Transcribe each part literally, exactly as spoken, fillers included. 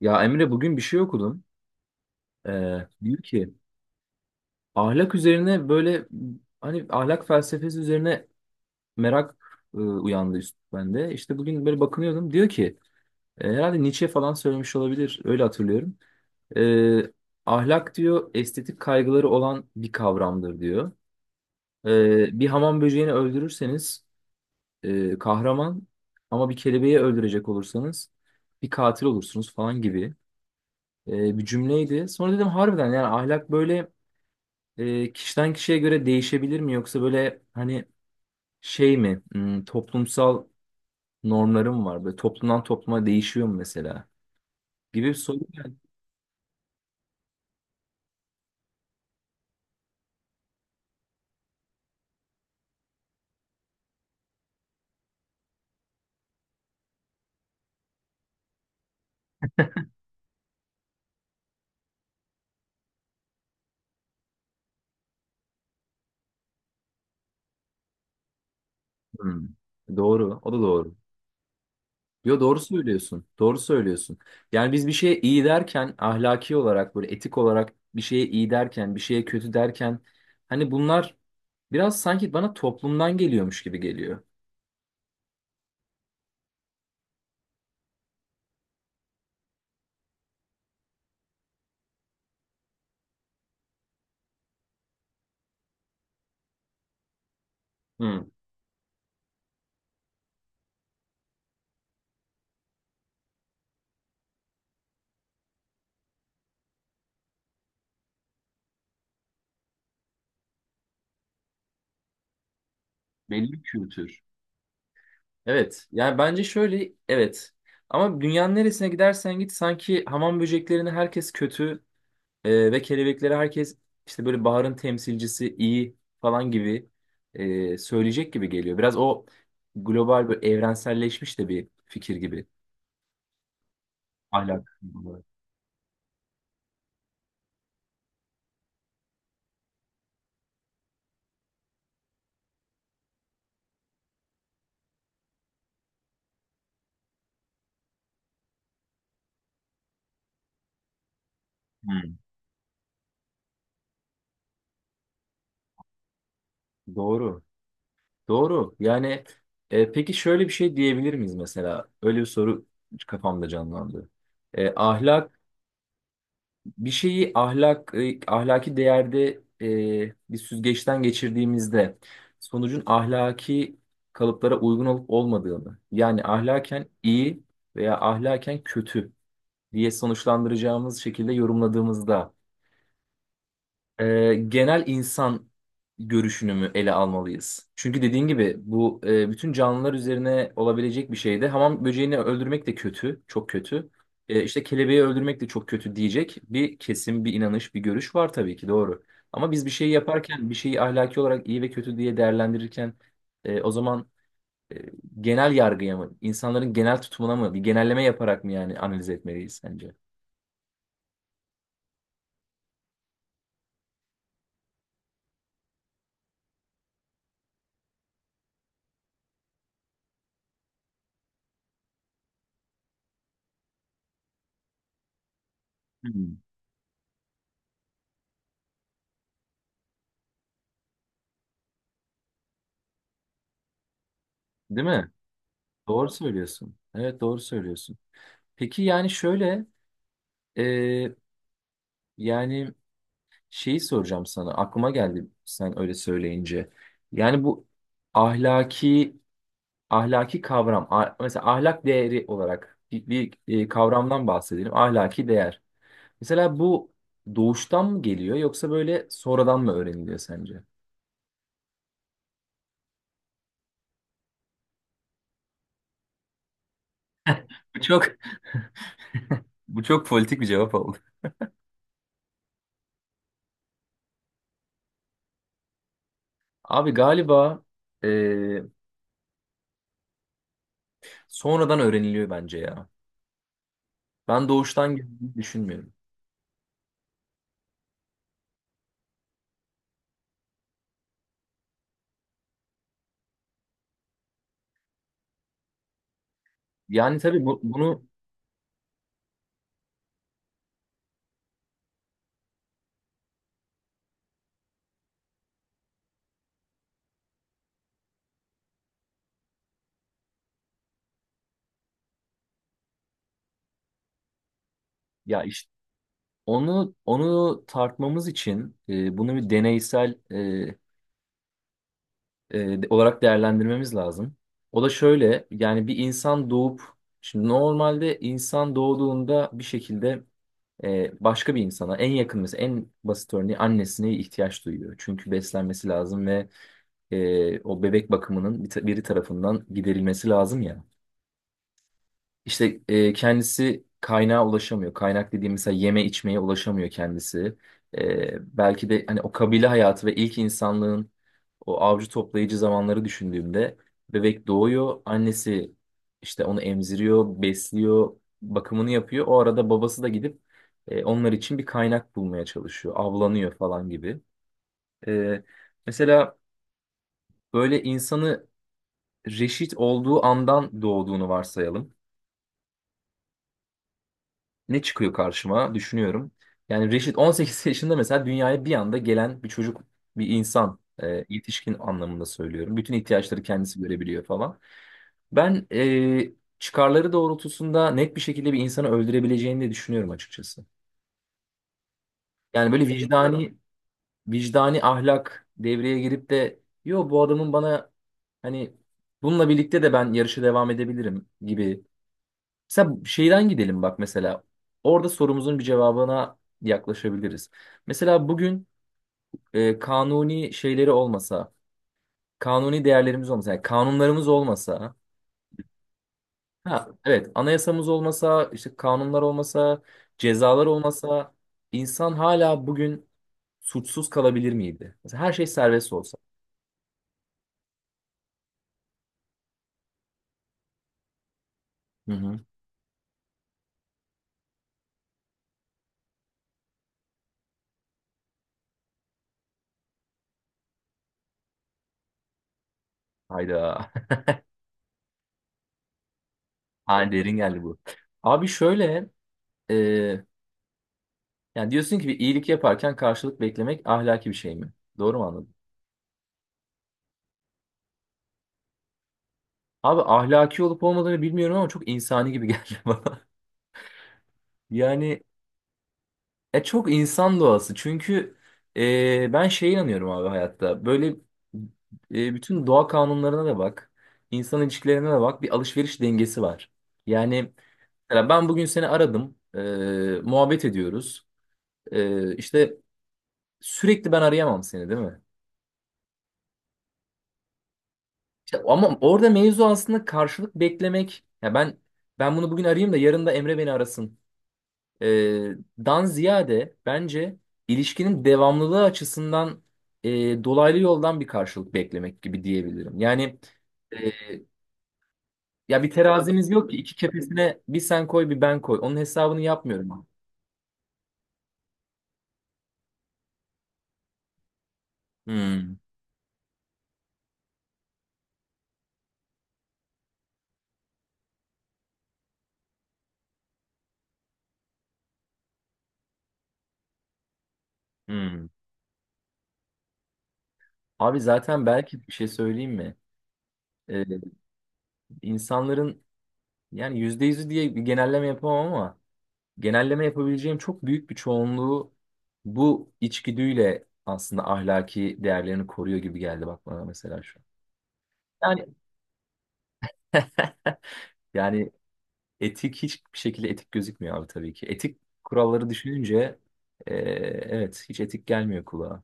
Ya Emre bugün bir şey okudum. Ee, diyor ki ahlak üzerine böyle hani ahlak felsefesi üzerine merak e, uyandı üst bende. İşte bugün böyle bakınıyordum. Diyor ki e, herhalde Nietzsche falan söylemiş olabilir. Öyle hatırlıyorum. Ee, ahlak diyor estetik kaygıları olan bir kavramdır diyor. Ee, bir hamam böceğini öldürürseniz e, kahraman ama bir kelebeği öldürecek olursanız bir katil olursunuz falan gibi e, bir cümleydi. Sonra dedim harbiden yani ahlak böyle e, kişiden kişiye göre değişebilir mi yoksa böyle hani şey mi hmm, toplumsal normlarım var böyle toplumdan topluma değişiyor mu mesela gibi bir soru geldi. Hmm, doğru o da doğru. Yo doğru söylüyorsun doğru söylüyorsun. Yani biz bir şeye iyi derken ahlaki olarak böyle etik olarak bir şeye iyi derken bir şeye kötü derken hani bunlar biraz sanki bana toplumdan geliyormuş gibi geliyor. Hmm, belli bir kültür. Evet. Yani bence şöyle evet. Ama dünyanın neresine gidersen git sanki hamam böceklerini herkes kötü e, ve kelebekleri herkes işte böyle baharın temsilcisi iyi falan gibi e, söyleyecek gibi geliyor. Biraz o global böyle evrenselleşmiş de bir fikir gibi. Ahlak. Hmm. Doğru. Doğru. Yani e, peki şöyle bir şey diyebilir miyiz mesela? Öyle bir soru kafamda canlandı. E, ahlak bir şeyi ahlak e, ahlaki değerde e, bir süzgeçten geçirdiğimizde sonucun ahlaki kalıplara uygun olup olmadığını yani ahlaken iyi veya ahlaken kötü diye sonuçlandıracağımız şekilde yorumladığımızda e, genel insan görüşünü mü ele almalıyız? Çünkü dediğin gibi bu e, bütün canlılar üzerine olabilecek bir şey de. Hamam böceğini öldürmek de kötü, çok kötü. E, işte kelebeği öldürmek de çok kötü diyecek bir kesim, bir inanış, bir görüş var tabii ki doğru. Ama biz bir şeyi yaparken, bir şeyi ahlaki olarak iyi ve kötü diye değerlendirirken e, o zaman, e, genel yargıya mı, insanların genel tutumuna mı, bir genelleme yaparak mı yani analiz etmeliyiz sence? Hmm. Değil mi? Doğru söylüyorsun. Evet doğru söylüyorsun. Peki yani şöyle e, yani şeyi soracağım sana aklıma geldi sen öyle söyleyince. Yani bu ahlaki ahlaki kavram a- mesela ahlak değeri olarak bir, bir, e, kavramdan bahsedelim ahlaki değer. Mesela bu doğuştan mı geliyor yoksa böyle sonradan mı öğreniliyor sence? Bu çok bu çok politik bir cevap oldu. Abi galiba e, sonradan öğreniliyor bence ya. Ben doğuştan geldiğini düşünmüyorum. Yani tabii bu, bunu. Ya işte onu onu tartmamız için e, bunu bir deneysel e, e, de- olarak değerlendirmemiz lazım. O da şöyle yani bir insan doğup şimdi normalde insan doğduğunda bir şekilde e, başka bir insana en yakın mesela en basit örneği annesine ihtiyaç duyuyor. Çünkü beslenmesi lazım ve e, o bebek bakımının bir ta- biri tarafından giderilmesi lazım ya. İşte e, kendisi kaynağa ulaşamıyor. Kaynak dediğim mesela yeme içmeye ulaşamıyor kendisi. E, belki de hani o kabile hayatı ve ilk insanlığın o avcı toplayıcı zamanları düşündüğümde bebek doğuyor. Annesi işte onu emziriyor, besliyor, bakımını yapıyor. O arada babası da gidip e, onlar için bir kaynak bulmaya çalışıyor. Avlanıyor falan gibi. E, mesela böyle insanı reşit olduğu andan doğduğunu varsayalım. Ne çıkıyor karşıma düşünüyorum. Yani Reşit on sekiz yaşında mesela dünyaya bir anda gelen bir çocuk, bir insan, e, yetişkin anlamında söylüyorum. Bütün ihtiyaçları kendisi görebiliyor falan. Ben e, çıkarları doğrultusunda net bir şekilde bir insanı öldürebileceğini de düşünüyorum açıkçası. Yani böyle vicdani vicdani ahlak devreye girip de yo bu adamın bana hani bununla birlikte de ben yarışa devam edebilirim gibi. Mesela şeyden gidelim bak mesela. Orada sorumuzun bir cevabına yaklaşabiliriz. Mesela bugün e, kanuni şeyleri olmasa, kanuni değerlerimiz olmasa, yani kanunlarımız olmasa, ha evet anayasamız olmasa, işte kanunlar olmasa, cezalar olmasa, insan hala bugün suçsuz kalabilir miydi? Mesela her şey serbest olsa. Hı hı. Hayda. Ha derin geldi bu. Abi şöyle, e, yani diyorsun ki bir iyilik yaparken karşılık beklemek ahlaki bir şey mi? Doğru mu anladım? Abi ahlaki olup olmadığını bilmiyorum ama çok insani gibi geldi bana. Yani e, çok insan doğası. Çünkü e, ben şeye inanıyorum abi hayatta. Böyle e, bütün doğa kanunlarına da bak. İnsan ilişkilerine de bak. Bir alışveriş dengesi var. Yani mesela ben bugün seni aradım. E, muhabbet ediyoruz. E, işte sürekli ben arayamam seni değil mi? İşte, ama orada mevzu aslında karşılık beklemek. Ya ben ben bunu bugün arayayım da yarın da Emre beni arasın. e, Dan ziyade bence ilişkinin devamlılığı açısından e, dolaylı yoldan bir karşılık beklemek gibi diyebilirim. Yani e, ya bir terazimiz yok ki iki kefesine bir sen koy bir ben koy. Onun hesabını yapmıyorum abi. Hmm, hmm. Abi zaten belki bir şey söyleyeyim mi? E, insanların yani yüzde yüzü diye bir genelleme yapamam ama genelleme yapabileceğim çok büyük bir çoğunluğu bu içgüdüyle aslında ahlaki değerlerini koruyor gibi geldi bak bana mesela şu an. Yani yani etik hiçbir şekilde etik gözükmüyor abi tabii ki. Etik kuralları düşününce e, evet hiç etik gelmiyor kulağa.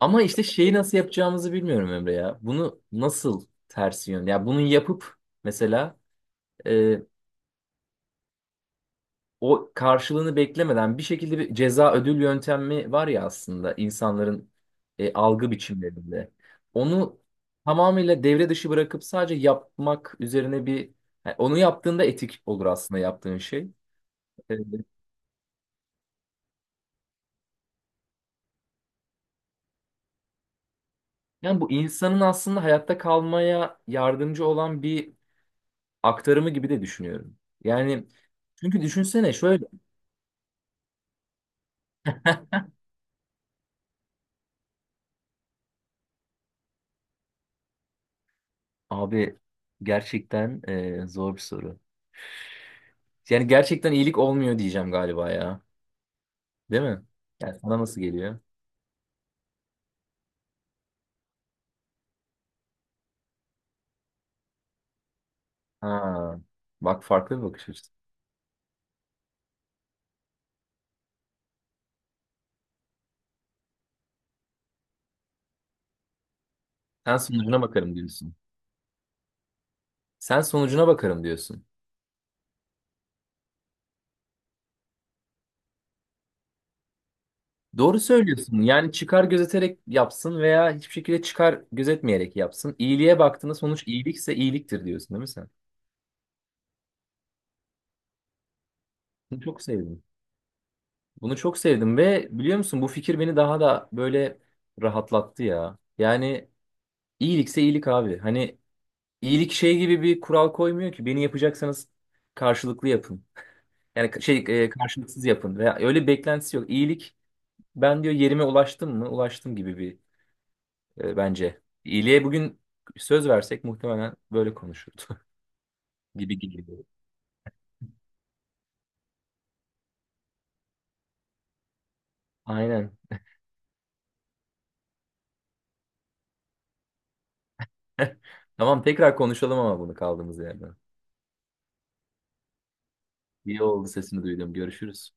Ama işte şeyi nasıl yapacağımızı bilmiyorum Emre ya. Bunu nasıl tersi yön? Ya bunu yapıp mesela e, o karşılığını beklemeden bir şekilde bir ceza ödül yöntemi var ya aslında insanların e, algı biçimlerinde. Onu tamamıyla devre dışı bırakıp sadece yapmak üzerine bir yani onu yaptığında etik olur aslında yaptığın şey. Evet. Yani bu insanın aslında hayatta kalmaya yardımcı olan bir aktarımı gibi de düşünüyorum. Yani çünkü düşünsene şöyle abi gerçekten e, zor bir soru. Yani gerçekten iyilik olmuyor diyeceğim galiba ya. Değil mi? Yani sana nasıl geliyor? Ha, bak farklı bir bakış açısı. Sen sonucuna bakarım diyorsun. Sen sonucuna bakarım diyorsun. Doğru söylüyorsun. Yani çıkar gözeterek yapsın veya hiçbir şekilde çıkar gözetmeyerek yapsın. İyiliğe baktığında sonuç iyilikse iyiliktir diyorsun değil mi sen? Bunu çok sevdim. Bunu çok sevdim ve biliyor musun bu fikir beni daha da böyle rahatlattı ya. Yani iyilikse iyilik abi. Hani iyilik şey gibi bir kural koymuyor ki beni yapacaksanız karşılıklı yapın. Yani ka- şey e, karşılıksız yapın veya öyle bir beklentisi yok. İyilik ben diyor yerime ulaştım mı? Ulaştım gibi bir e, bence. İyiliğe bugün söz versek muhtemelen böyle konuşurdu gibi geliyor. Aynen. Tamam tekrar konuşalım ama bunu kaldığımız yerden. İyi oldu sesini duydum. Görüşürüz.